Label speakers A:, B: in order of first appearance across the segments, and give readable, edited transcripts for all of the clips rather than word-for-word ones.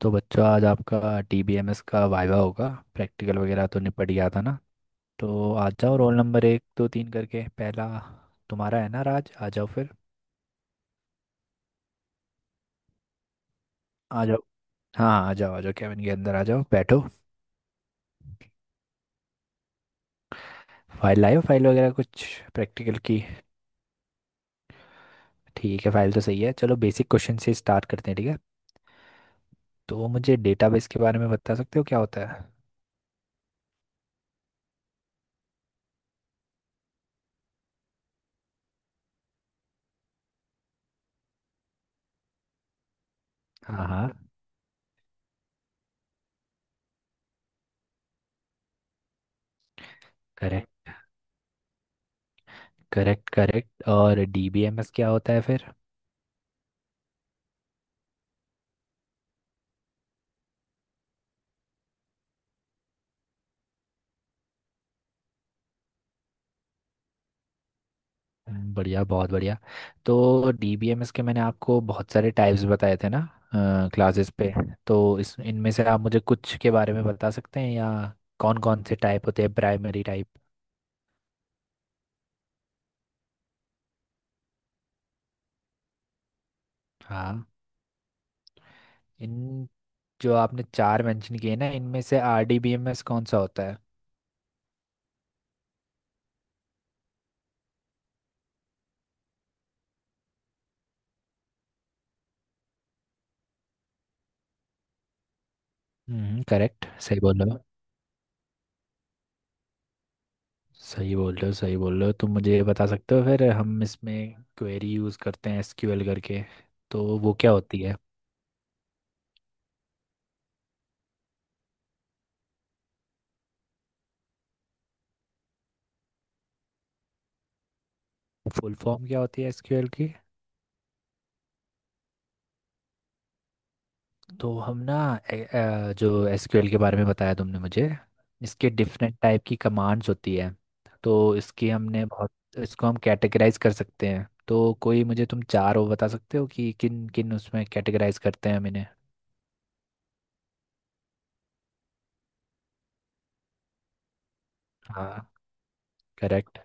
A: तो बच्चों, आज आपका टीबीएमएस का वाइवा होगा। प्रैक्टिकल वगैरह तो निपट गया था ना। तो आ जाओ, रोल नंबर एक दो तीन करके पहला तुम्हारा है ना राज, आ जाओ फिर। आ जाओ। हाँ, आ जाओ आ जाओ, कैबिन के अंदर आ जाओ, बैठो। फाइल लाओ, फाइल वगैरह कुछ प्रैक्टिकल की। ठीक है, फाइल तो सही है। चलो बेसिक क्वेश्चन से स्टार्ट करते हैं, ठीक है। तो मुझे डेटाबेस के बारे में बता सकते हो, क्या होता है? हाँ हाँ। करेक्ट। करेक्ट करेक्ट, और डीबीएमएस क्या होता है फिर? बढ़िया, बहुत बढ़िया। तो डीबीएमएस के मैंने आपको बहुत सारे टाइप्स बताए थे ना क्लासेस पे, तो इस इनमें से आप मुझे कुछ के बारे में बता सकते हैं, या कौन कौन से टाइप होते हैं प्राइमरी टाइप? हाँ। इन, जो आपने चार मेंशन किए ना, इनमें से आरडीबीएमएस कौन सा होता है? हम्म, करेक्ट, सही बोल रहे हो। सही बोल रहे हो सही बोल रहे हो। तुम मुझे ये बता सकते हो फिर, हम इसमें क्वेरी यूज़ करते हैं एसक्यूएल करके, तो वो क्या होती है? फुल फॉर्म क्या होती है एसक्यूएल? तो हम ना जो एसक्यूएल के बारे में बताया तुमने मुझे, इसके डिफरेंट टाइप की कमांड्स होती है। तो इसकी हमने बहुत, इसको हम कैटेगराइज कर सकते हैं, तो कोई मुझे तुम चार वो बता सकते हो कि किन किन उसमें कैटेगराइज करते हैं हम इन्हें? हाँ। करेक्ट।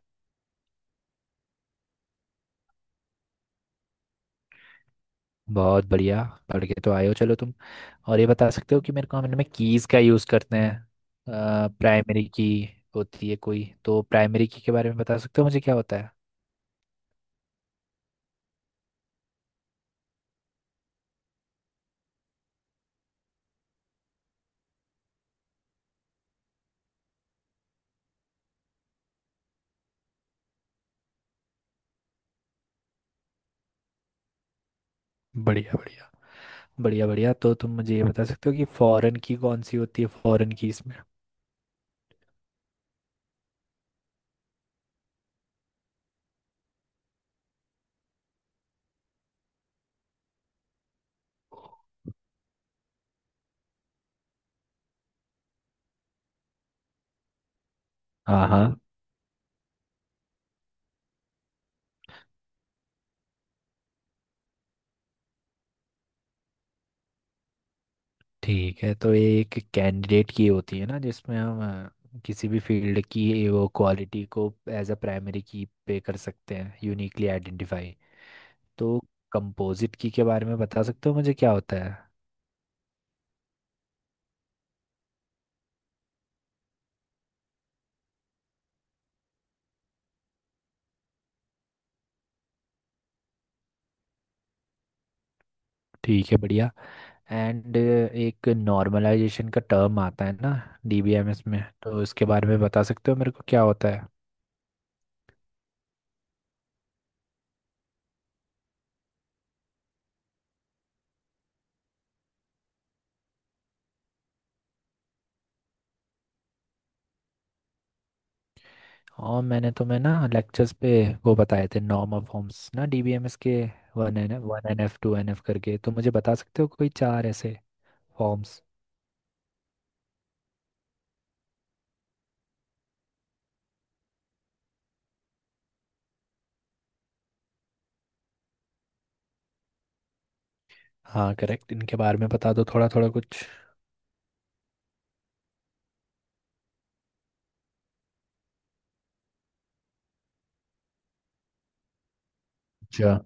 A: बहुत बढ़िया, पढ़ के तो आए हो चलो तुम। और ये बता सकते हो कि मेरे को, हम इनमें कीज़ का यूज़ करते हैं। प्राइमरी की होती है कोई, तो प्राइमरी की के बारे में बता सकते हो मुझे क्या होता है? बढ़िया बढ़िया। बढ़िया बढ़िया, तो तुम मुझे ये बता सकते हो कि फॉरेन की कौन सी होती है, फॉरेन की इसमें? हाँ हाँ। ठीक है, तो ये एक कैंडिडेट की होती है ना, जिसमें हम किसी भी फील्ड की ये वो क्वालिटी को एज अ प्राइमरी की पे कर सकते हैं, यूनिकली आइडेंटिफाई। तो कंपोजिट की के बारे में बता सकते हो मुझे, क्या होता है? ठीक है, बढ़िया। एंड एक नॉर्मलाइजेशन का टर्म आता है ना डीबीएमएस में, तो इसके बारे में बता सकते हो मेरे को क्या होता है? और मैंने तुम्हें ना लेक्चर्स पे वो बताए थे नॉर्म ऑफ फॉर्म्स ना डीबीएमएस के, one N F, one N F two N F करके, तो मुझे बता सकते हो कोई चार ऐसे फॉर्म्स? हाँ, करेक्ट। इनके बारे में बता दो थोड़ा थोड़ा कुछ। अच्छा।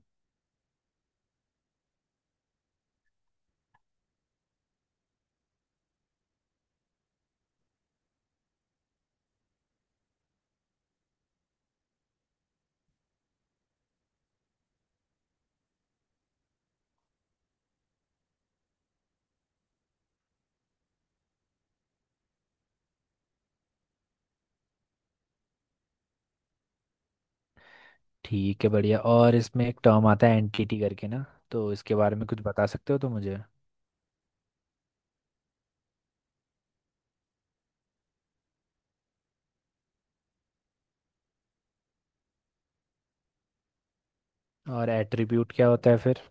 A: ठीक है, बढ़िया। और इसमें एक टर्म आता है एंटिटी करके ना, तो इसके बारे में कुछ बता सकते हो तो मुझे? और एट्रीब्यूट क्या होता है फिर?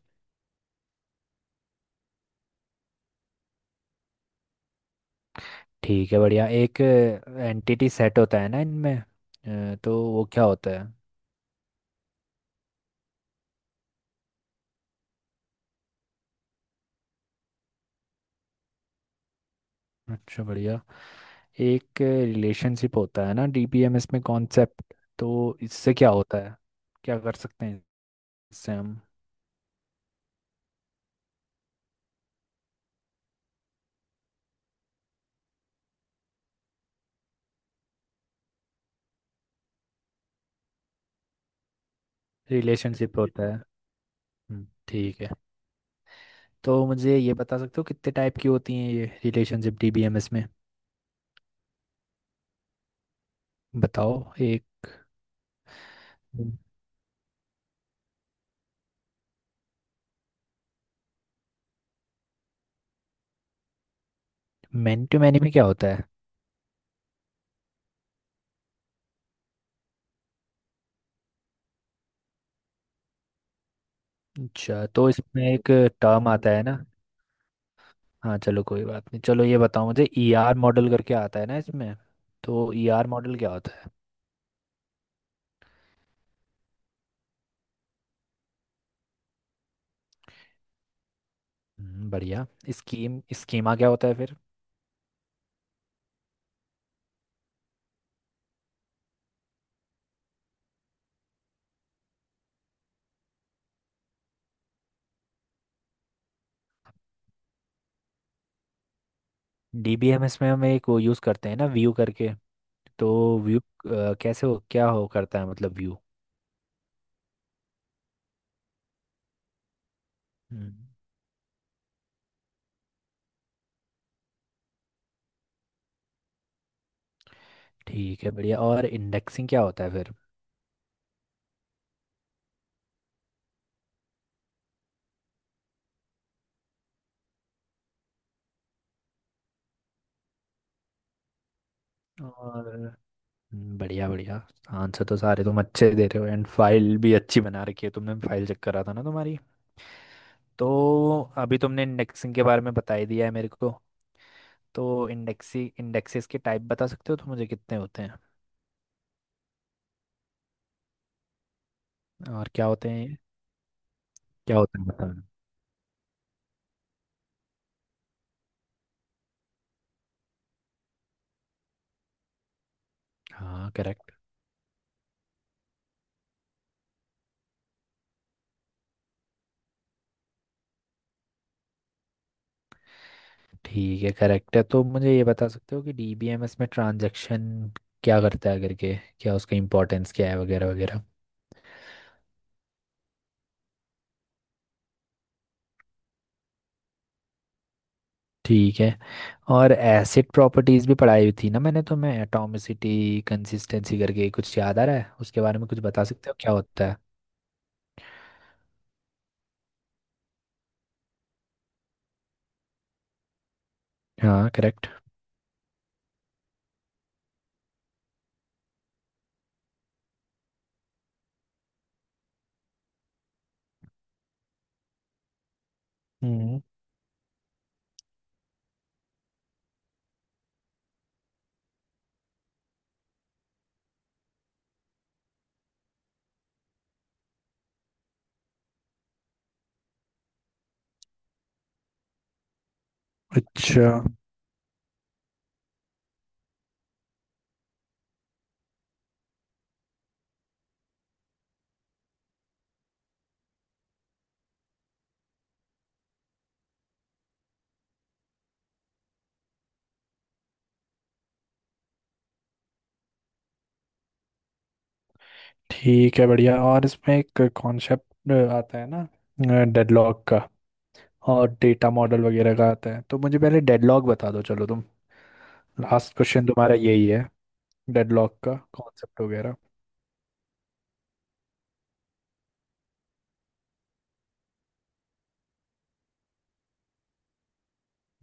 A: ठीक है बढ़िया। एक एंटिटी सेट होता है ना इनमें, तो वो क्या होता है? अच्छा, बढ़िया। एक रिलेशनशिप होता है ना डीबीएमएस में कॉन्सेप्ट, तो इससे क्या होता है, क्या कर सकते हैं इससे हम? रिलेशनशिप होता है। ठीक है। तो मुझे ये बता सकते हो कितने टाइप की होती हैं ये रिलेशनशिप डीबीएमएस में? बताओ एक। मैन टू मैन में क्या होता है? अच्छा, तो इसमें एक टर्म आता है ना। हाँ, चलो कोई बात नहीं। चलो ये बताओ मुझे, ईआर मॉडल करके आता है ना इसमें, तो ईआर मॉडल क्या होता है? बढ़िया। स्कीम, स्कीमा क्या होता है फिर? डीबीएमएस में हम एक वो यूज़ करते हैं ना, व्यू करके, तो व्यू कैसे हो, क्या हो करता है, मतलब व्यू? हम्म। ठीक है, बढ़िया। और इंडेक्सिंग क्या होता है फिर? और, बढ़िया बढ़िया। आंसर तो सारे तुम अच्छे दे रहे हो, एंड फाइल भी अच्छी बना रखी है तुमने, फाइल चेक करा था ना तुम्हारी। तो अभी तुमने इंडेक्सिंग के बारे में बता ही दिया है मेरे को, तो इंडेक्सी इंडेक्सेस के टाइप बता सकते हो तो मुझे, कितने होते हैं और क्या होते हैं ये? क्या होते हैं, बताना। हाँ, करेक्ट। ठीक है, करेक्ट है। तो मुझे ये बता सकते हो कि डीबीएमएस में ट्रांजैक्शन क्या करता है करके, क्या उसका इंपॉर्टेंस क्या है वगैरह वगैरह? ठीक है। और एसिड प्रॉपर्टीज भी पढ़ाई हुई थी ना मैंने, तो मैं एटॉमिसिटी, कंसिस्टेंसी करके कुछ याद आ रहा है, उसके बारे में कुछ बता सकते हो क्या होता है? हाँ, करेक्ट। हम्म। अच्छा। ठीक है, बढ़िया। और इसमें एक कॉन्सेप्ट आता है ना डेडलॉक का, और डेटा मॉडल वगैरह का आता है, तो मुझे पहले डेडलॉक बता दो चलो तुम। लास्ट क्वेश्चन तुम्हारा यही है, डेडलॉक का कॉन्सेप्ट वगैरह।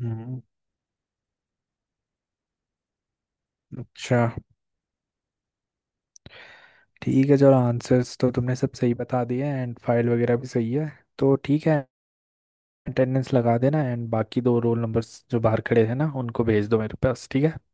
A: हम्म। अच्छा। ठीक है, चलो आंसर्स तो तुमने सब सही बता दिए हैं एंड फाइल वगैरह भी सही है। तो ठीक है, अटेंडेंस लगा देना एंड बाकी दो रोल नंबर्स जो बाहर खड़े हैं ना उनको भेज दो मेरे पास, ठीक है।